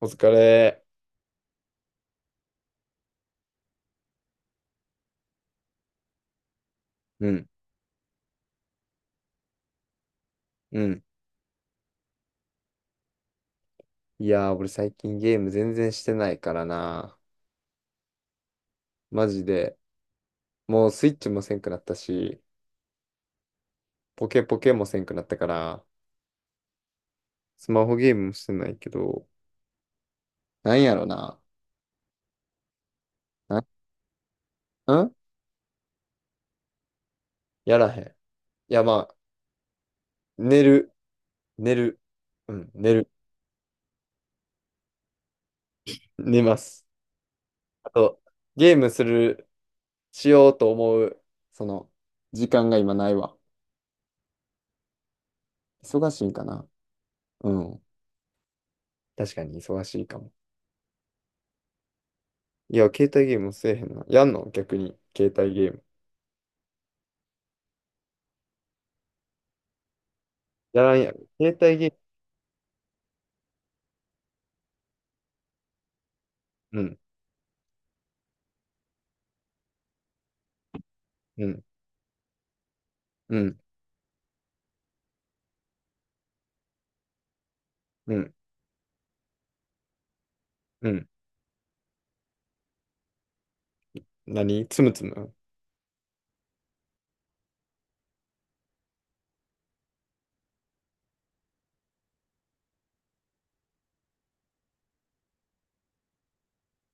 お疲れ。うん、うん。いやー、俺最近ゲーム全然してないからな。マジで。もうスイッチもせんくなったし、ポケポケもせんくなったから、スマホゲームもしてないけど、なんやろな。な、んやらへん。いや、まあ、寝る。寝る。うん、寝る。寝ます。あと、ゲームする、しようと思う、その、時間が今ないわ。忙しいんかな。うん。確かに忙しいかも。いや、携帯ゲームせえへんな。やんの逆に、携帯ゲーム。やらんやろ。携帯ゲーム。うん、うん、うん、うん、うん。何つむつむ。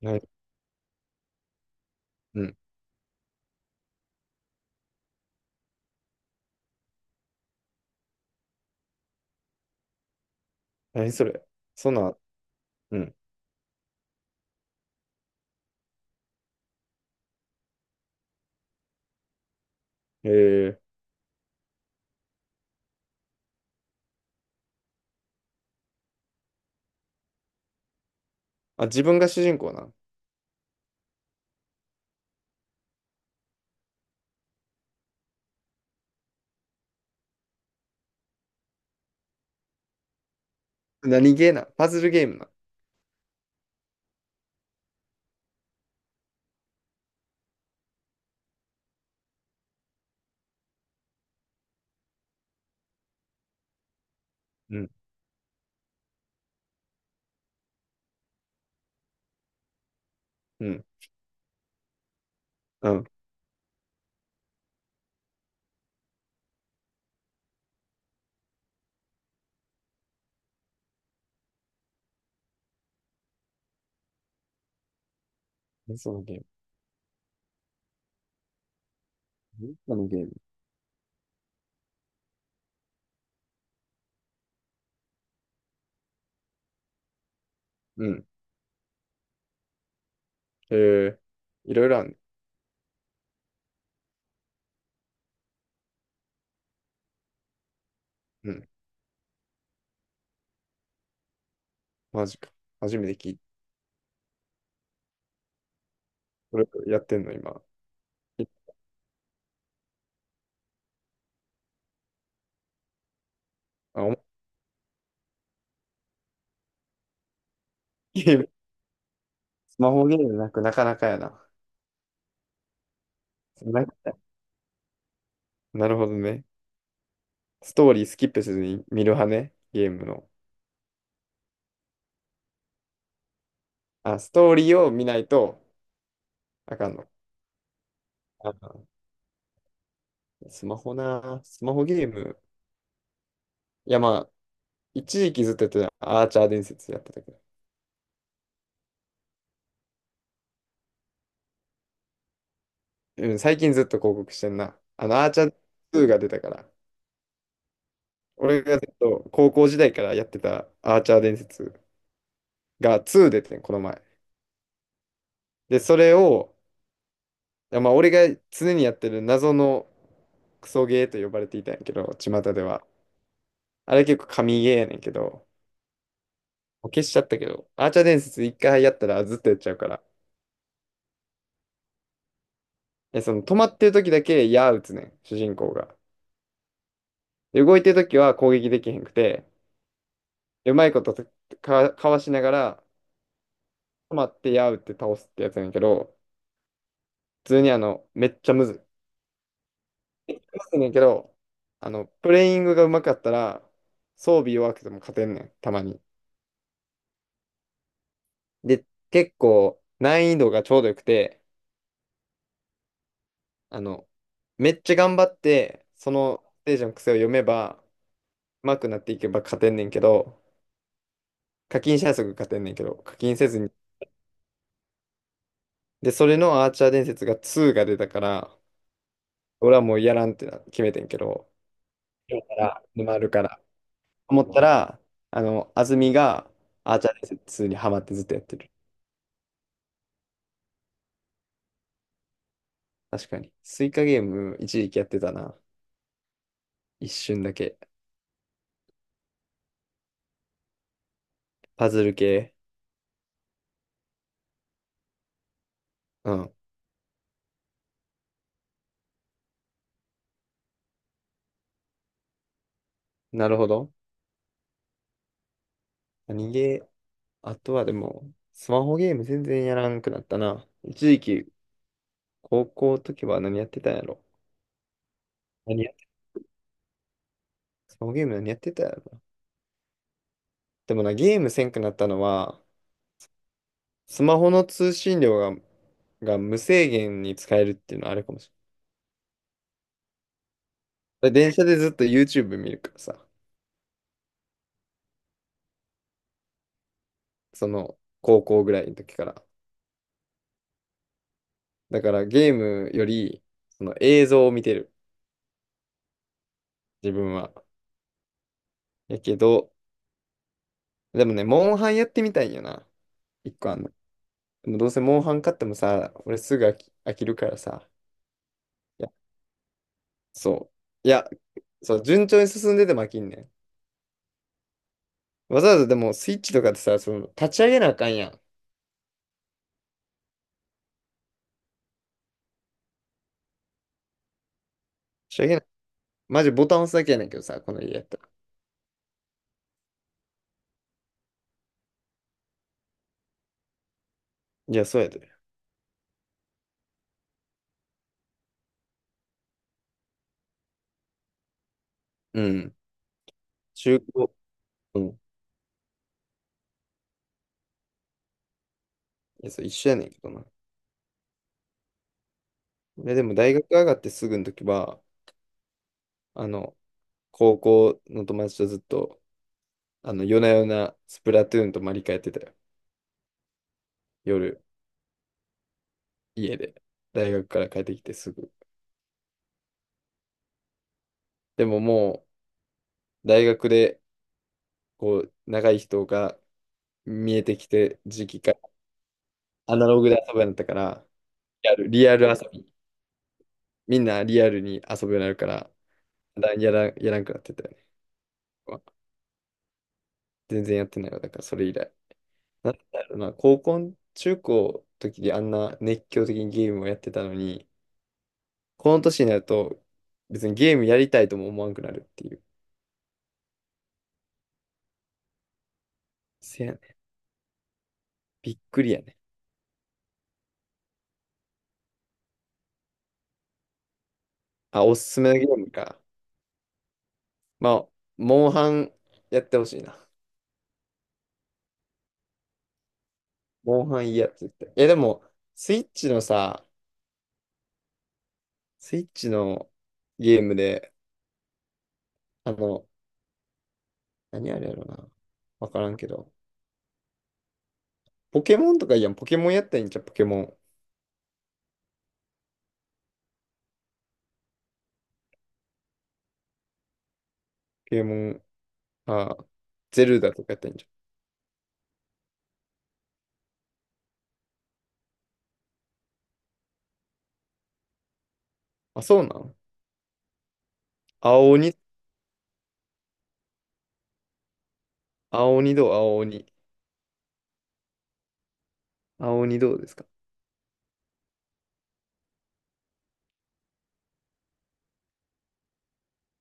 なに、うん。何それ。そんな、うん。えー、あ、自分が主人公な。何ゲーな。パズルゲームな。うん、うん、うん。何そのゲーム。何そのゲーム。うん。えー、いろいろあんね。うん。マジか。初めて聞いた。それやってんの、今。え、あ、お、ゲーム。スマホゲームなくなかなかやな。ななるほどね。ストーリースキップせずに見る派ね、ゲームの。あ、ストーリーを見ないとあかんの。あ、スマホな、スマホゲーム。いや、まあ、一時期ずっとやってた、アーチャー伝説やってたけど。うん、最近ずっと広告してんな。アーチャー2が出たから。俺がずっと高校時代からやってたアーチャー伝説が2出てん、この前。で、それを、いやまあ、俺が常にやってる謎のクソゲーと呼ばれていたんやけど、巷では。あれ結構神ゲーやねんけど、消しちゃったけど、アーチャー伝説一回やったらずっとやっちゃうから。え、止まってる時だけ矢打つねん、主人公が。で動いてる時は攻撃できへんくて、うまいことかわしながら止まって矢打って倒すってやつやねんけど、普通にめっちゃむずい。むずいねんけど、プレイングがうまかったら、装備弱くても勝てんねん、たまに。で、結構難易度がちょうどよくて、あの、めっちゃ頑張って、そのステージの癖を読めば、上手くなっていけば勝てんねんけど、課金したすぐ勝てんねんけど、課金せずに。で、それのアーチャー伝説が2が出たから、俺はもうやらんってな決めてんけど、今から沼るから。思ったら、安住がアーチャー伝説2にハマってずっとやってる。確かに。スイカゲーム一時期やってたな。一瞬だけ。パズル系。うん。なるほど。何ゲー、あとはでも、スマホゲーム全然やらんくなったな。一時期、高校の時は何やってたんやろ。何スマホゲーム何やってたやろな。でもな、ゲームせんくなったのは、スマホの通信量が無制限に使えるっていうのはあれかもしれない。電車でずっと YouTube 見るからさ、その高校ぐらいの時から。だからゲームより、その映像を見てる、自分は。やけど、でもね、モンハンやってみたいんよな。一個あんの。でもどうせモンハン買ってもさ、俺すぐ飽きるからさ。いや、そう。いや、そう、順調に進んでても飽きんねん。わざわざでもスイッチとかってさ、その立ち上げなあかんやん。立ち上げな、マジボタン押すだけやねんけどさ、この家やったら。いや、そうやで。うん。中古。うん。いや、そう一緒やねんけどな。でも大学上がってすぐの時は、あの、高校の友達とずっと、夜な夜なスプラトゥーンとマリカやってたよ。夜、家で。大学から帰ってきてすぐ。でももう、大学で、長い人が見えてきて、時期からアナログで遊ぶようになったから、リアル遊び。みんなリアルに遊ぶようになるから、だやら、やらんくなってたよね。全然やってないわ。だからそれ以来。なんだろうな、中高の時にあんな熱狂的にゲームをやってたのに、この年になると別にゲームやりたいとも思わんくなるっていう。せやね。びっくりやね。あ、おすすめのゲームか。まあ、モンハンやってほしいな。モンハンいいやつって。いや、でも、スイッチのさ、スイッチのゲームで、あの、何あれやろな。わからんけど。ポケモンとかいいやん、ポケモンやったらいいんじゃん、ポケモン。ポケモン、あ、ゼルダとかやったらいいんじゃん。あ、そうなの。青鬼、青鬼どう青鬼。青鬼どうですか。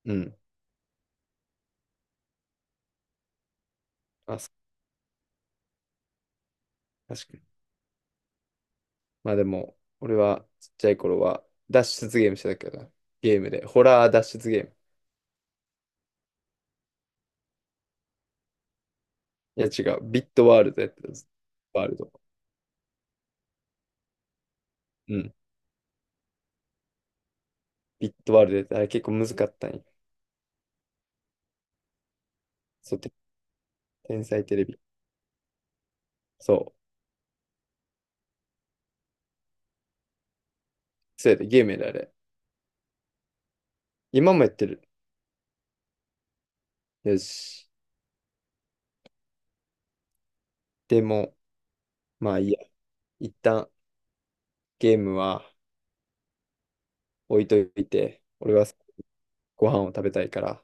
うん。あ、確かに。まあでも、俺はちっちゃい頃は脱出ゲームしてたけどな、ゲームで。ホラー脱出ゲーム。いや違う、ビットワールドやってた。ワールド。うん。ビットワールドやってたあれ結構難かったんや。そう、天才テレビ。そう。そうやで、ゲームやであれ。今もやってる。よし。でも、まあいいや。一旦ゲームは置いといて、俺はご飯を食べたいから。